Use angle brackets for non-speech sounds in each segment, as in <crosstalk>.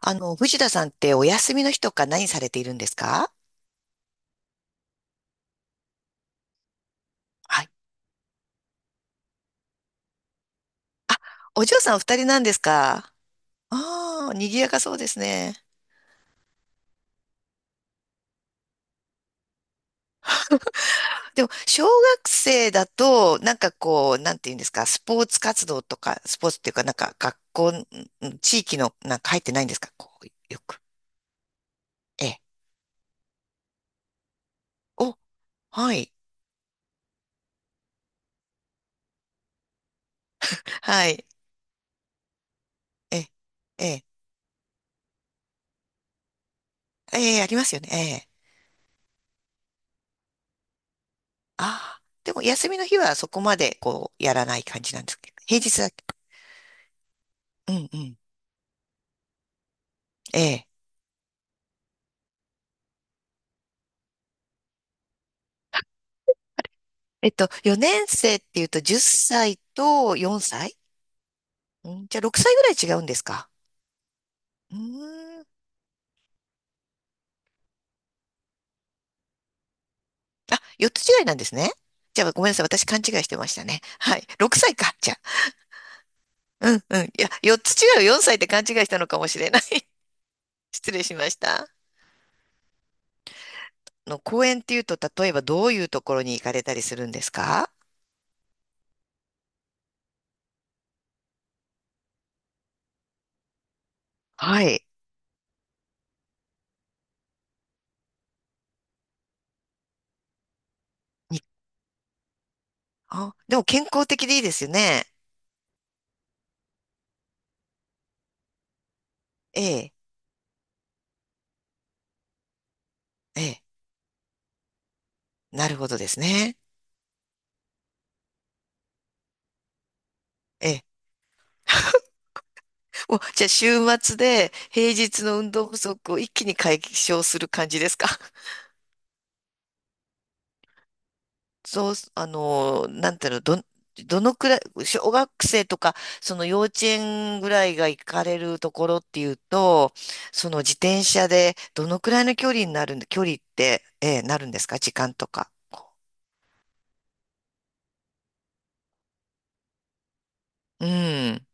藤田さんってお休みの日とか何されているんですか？はい。お嬢さんお二人なんですか？ああー、賑やかそうですね。でも、小学生だと、なんかこう、なんていうんですか、スポーツ活動とか、スポーツっていうか、学校、地域の、なんか入ってないんですかよく。ええ。お、はい。はい。ええ。ええ。ええ、ありますよね。ええ。ああ。でも、休みの日はそこまで、やらない感じなんですけど。平日だけ。うんうん。ええ。4年生っていうと10歳と4歳？うん、じゃあ6歳ぐらい違うんですか？うーん。あ、4つ違いなんですね。じゃあごめんなさい。私勘違いしてましたね。はい。6歳か。じゃあ。うんうん。いや、4つ違う、4歳って勘違いしたのかもしれない。<laughs> 失礼しました。公園っていうと、例えばどういうところに行かれたりするんですか？はい。にあ、でも健康的でいいですよね。ええ。ええ。なるほどですね。ええ。お、じゃあ週末で平日の運動不足を一気に解消する感じですか？ <laughs> そう、あの、なんていうの、ど、どのくらい、小学生とか、その幼稚園ぐらいが行かれるところっていうと、その自転車でどのくらいの距離になるんで、距離って、なるんですか、時間とか。うん。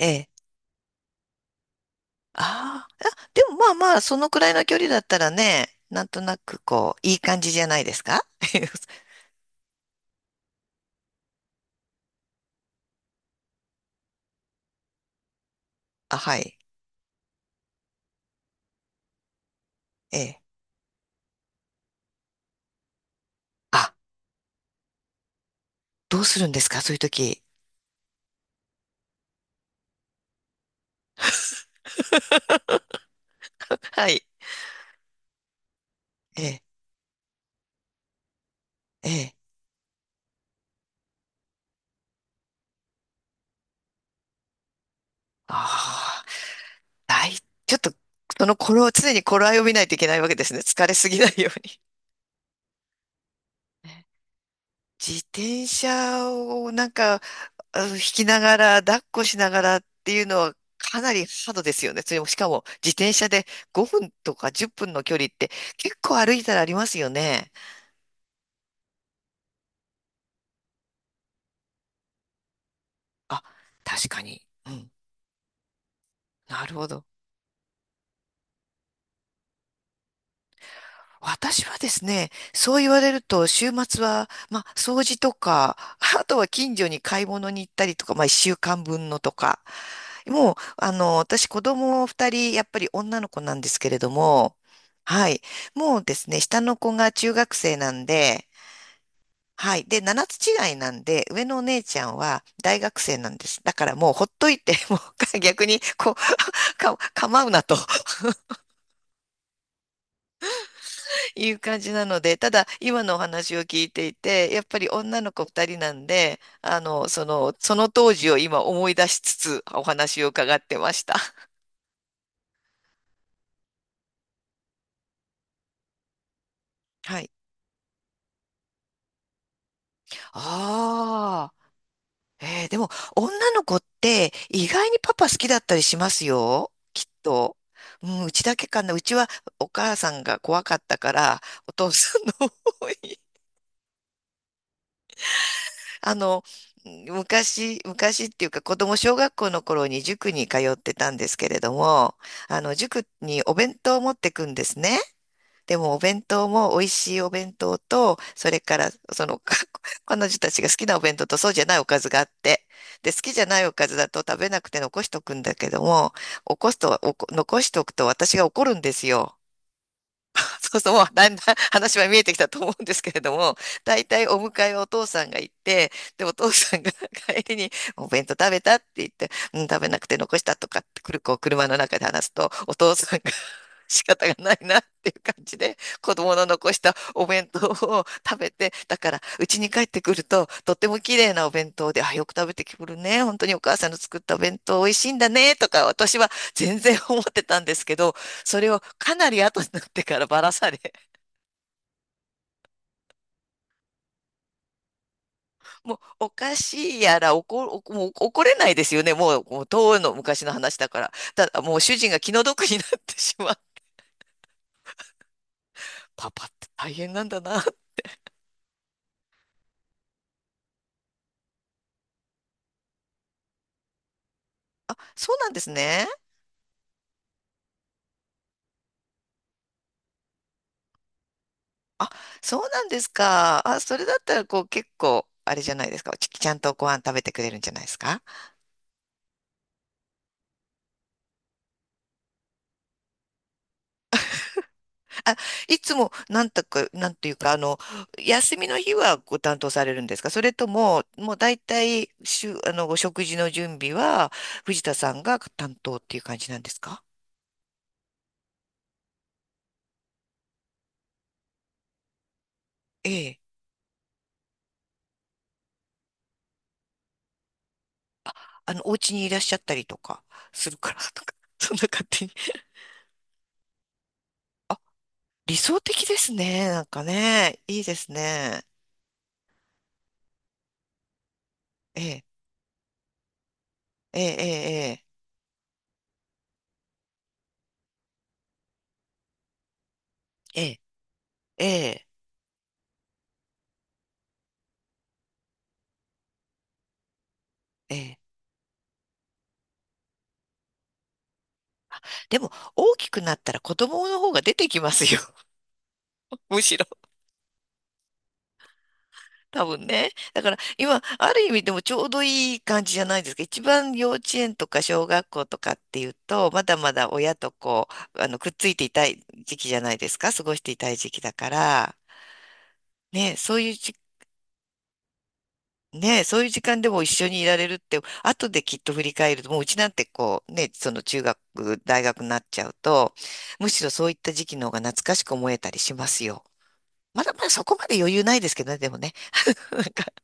ええ。あーあ、でもまあまあ、そのくらいの距離だったらね、なんとなくこう、いい感じじゃないですか。 <laughs> あ、はい。ええ。どうするんですか、そういう時。はい。ええ、ええ。ああ、大ちょっと、その頃を、常に頃合いを見ないといけないわけですね。疲れすぎないように。<laughs> ね、自転車をなんか、引きながら、抱っこしながらっていうのはかなりハードですよね。それも、しかも自転車で5分とか10分の距離って結構歩いたらありますよね。あ、確かに。うん。なるほど。私はですね、そう言われると、週末は、まあ、掃除とか、<laughs> あとは近所に買い物に行ったりとか、まあ、一週間分のとか。もう、私、子供二人、やっぱり女の子なんですけれども、はい。もうですね、下の子が中学生なんで、はい。で、7つ違いなんで、上のお姉ちゃんは大学生なんです。だからもうほっといて、もう逆に、<laughs> 構うなと。いう感じなので、ただ今のお話を聞いていて、やっぱり女の子2人なんで、その当時を今思い出しつつお話を伺ってました。はい。ああ、えーでも女の子って意外にパパ好きだったりしますよ、きっと。うん、うちだけかな。うちはお母さんが怖かったから、お父さんの方あの、昔、昔っていうか子供小学校の頃に塾に通ってたんですけれども、塾にお弁当を持ってくんですね。でもお弁当も美味しいお弁当と、それからそのか <laughs> 彼女たちが好きなお弁当とそうじゃないおかずがあって、で、好きじゃないおかずだと食べなくて残しとくんだけども、起こすと、残しとくと私が怒るんですよ。<laughs> そうそう、もうだんだん話は見えてきたと思うんですけれども、大体お迎えはお父さんが行って、で、お父さんが <laughs> 帰りに、お弁当食べたって言って、うん、食べなくて残したとかってくる、こう、車の中で話すと、お父さんが <laughs> 仕方がないなっていう感じで、子供の残したお弁当を食べて、だから、うちに帰ってくると、とっても綺麗なお弁当で、あ、よく食べてくるね。本当にお母さんの作ったお弁当美味しいんだね、とか、私は全然思ってたんですけど、それをかなり後になってからばらされ、<laughs> もうおかしいやらもう怒れないですよね。もう、もう遠いの昔の話だから。ただもう主人が気の毒になってしまう。<laughs> パパって大変なんだな。あ、そうなんですね。あ、そうなんですか。あ、それだったらこう結構、あれじゃないですか。ちゃんとご飯食べてくれるんじゃないですか。あ、いつも、なんとか、なんていうか、あの、休みの日はご担当されるんですか、それとも、もう大体、しゅ、あの、お食事の準備は、藤田さんが担当っていう感じなんですか？ええ。お家にいらっしゃったりとかするからとか、<laughs> そんな勝手に。理想的ですね。なんかね、いいですね。ええ、ええ、ええ、ええ、ええ、ええ。ええ、でも、大きくなったら子供の方が出てきますよ。<laughs> むしろ。多分ね。だから今、ある意味でもちょうどいい感じじゃないですか。一番幼稚園とか小学校とかっていうと、まだまだ親とくっついていたい時期じゃないですか。過ごしていたい時期だから、ね、そういうじ、ね、そういう時間でも一緒にいられるって、後できっと振り返ると、もううちなんてこう、ね、その中学、大学になっちゃうと、むしろそういった時期の方が懐かしく思えたりしますよ。まだまだそこまで余裕ないですけどね、でもね。<laughs>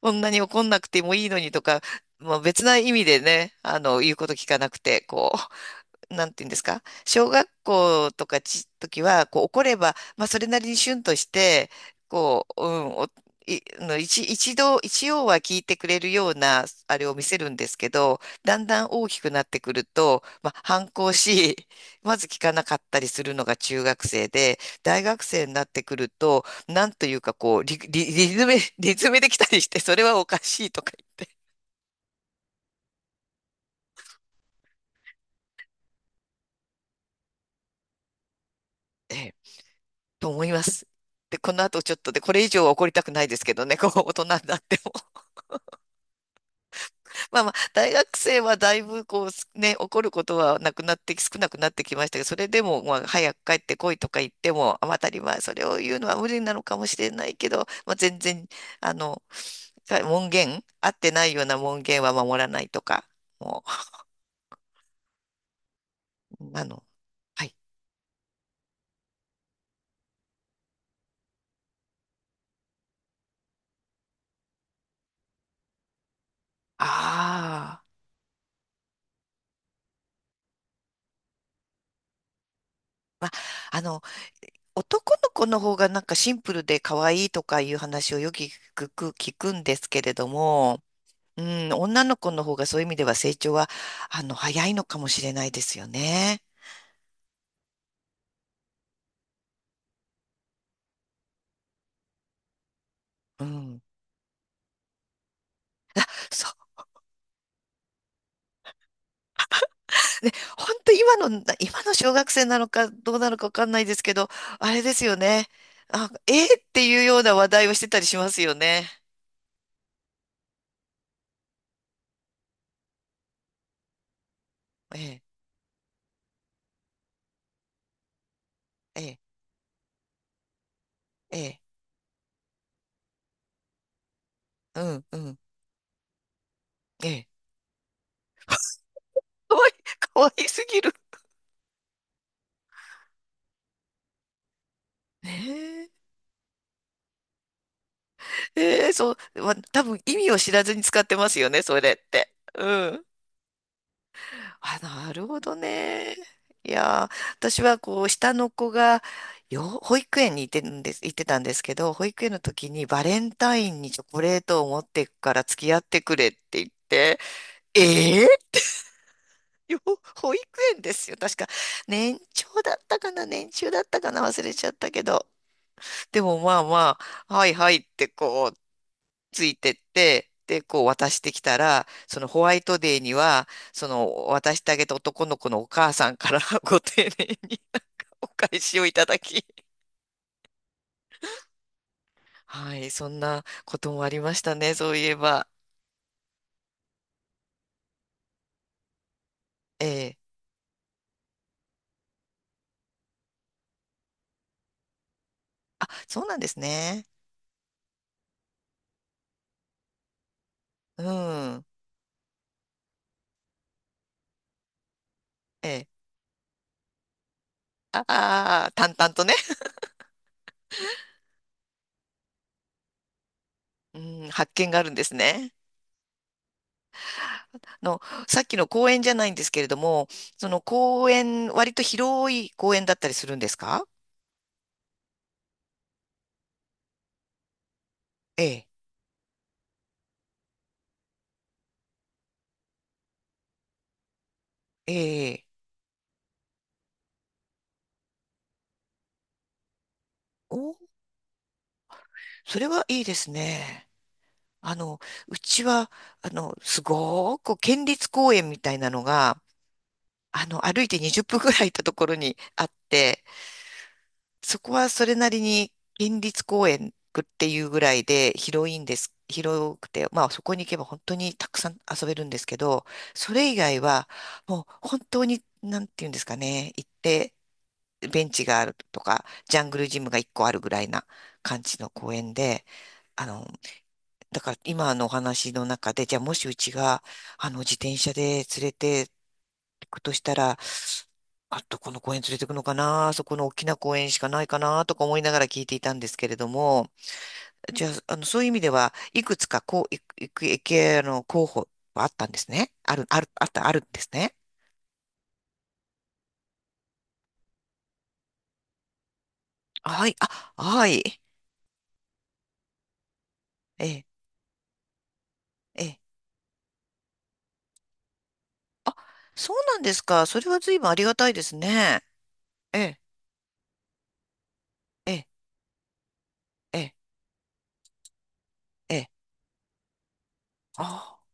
こんなに怒んなくてもいいのにとか、まあ、別な意味でね、言うこと聞かなくて、こう。なんていうんですか、小学校とかち、時は、こう怒れば、まあそれなりにシュンとして、こう、うん、お、い、の一、一度、一応は聞いてくれるような、あれを見せるんですけど、だんだん大きくなってくると、まあ反抗し、<laughs> まず聞かなかったりするのが中学生で、大学生になってくると、なんというかリズムできたりして、それはおかしいとか言って。ええと思います。で、この後ちょっとで、これ以上は怒りたくないですけどね、<laughs> こう、大人になっても。<laughs> まあまあ、大学生はだいぶ、怒ることはなくなって、少なくなってきましたけど、それでも、まあ、早く帰ってこいとか言っても、当たり前、それを言うのは無理なのかもしれないけど、まあ、全然、あの、門限、合ってないような門限は守らないとか、もう、あの、はい。ああ。まああの男の子の方がなんかシンプルで可愛いとかいう話をよく聞く、聞くんですけれども、うん、女の子の方がそういう意味では成長は、早いのかもしれないですよね。うん。そう。<laughs> で、本当今の、今の小学生なのかどうなのかわかんないですけど、あれですよね。あ、えーっていうような話題をしてたりしますよね。ええ、ええ、ええ、うん、うん、ええ。<laughs> かわいい、かわいすぎる。ねえええ、そう、ま、多分意味を知らずに使ってますよね、それって。うん。あ、なるほどね。いやー、私はこう、下の子が、保育園に行ってんです、行ってたんですけど、保育園の時にバレンタインにチョコレートを持っていくから付き合ってくれって言って、ええ、よ、保育園ですよ。確か、年長だったかな、年中だったかな、忘れちゃったけど。でもまあまあ、はいはいってこう、ついてって、で、こう渡してきたら、そのホワイトデーには、その渡してあげた男の子のお母さんから <laughs> ご丁寧にお返しをいただき、はい、そんなこともありましたね、そういえば。ええ。あ、そうなんですね。うん。ええ。ああ、淡々とね。うん、発見があるんですね。の、さっきの公園じゃないんですけれども、その公園、割と広い公園だったりするんですか？ええ、ええ、お、それはいいですね。あの、うちは、すごーく県立公園みたいなのが、歩いて20分ぐらい行ったところにあって、そこはそれなりに県立公園っていうぐらいで広いんです。広くて、まあそこに行けば本当にたくさん遊べるんですけど、それ以外は、もう本当に、なんていうんですかね、行って、ベンチがあるとか、ジャングルジムが1個あるぐらいな感じの公園で、あの、だから今のお話の中で、じゃあもしうちが、自転車で連れて行くとしたら、あ、どこの公園連れて行くのかな、あそこの大きな公園しかないかな、とか思いながら聞いていたんですけれども、じゃあ、そういう意味では、いくつか、こう、いく、いく、いけ、あの、候補はあったんですね。ある、ある、あった、あるんですね。はい、あ、はい。ええ、ええ。あ、そうなんですか。それは随分ありがたいですね。ええ、ええ、ええ、ええ。ああ。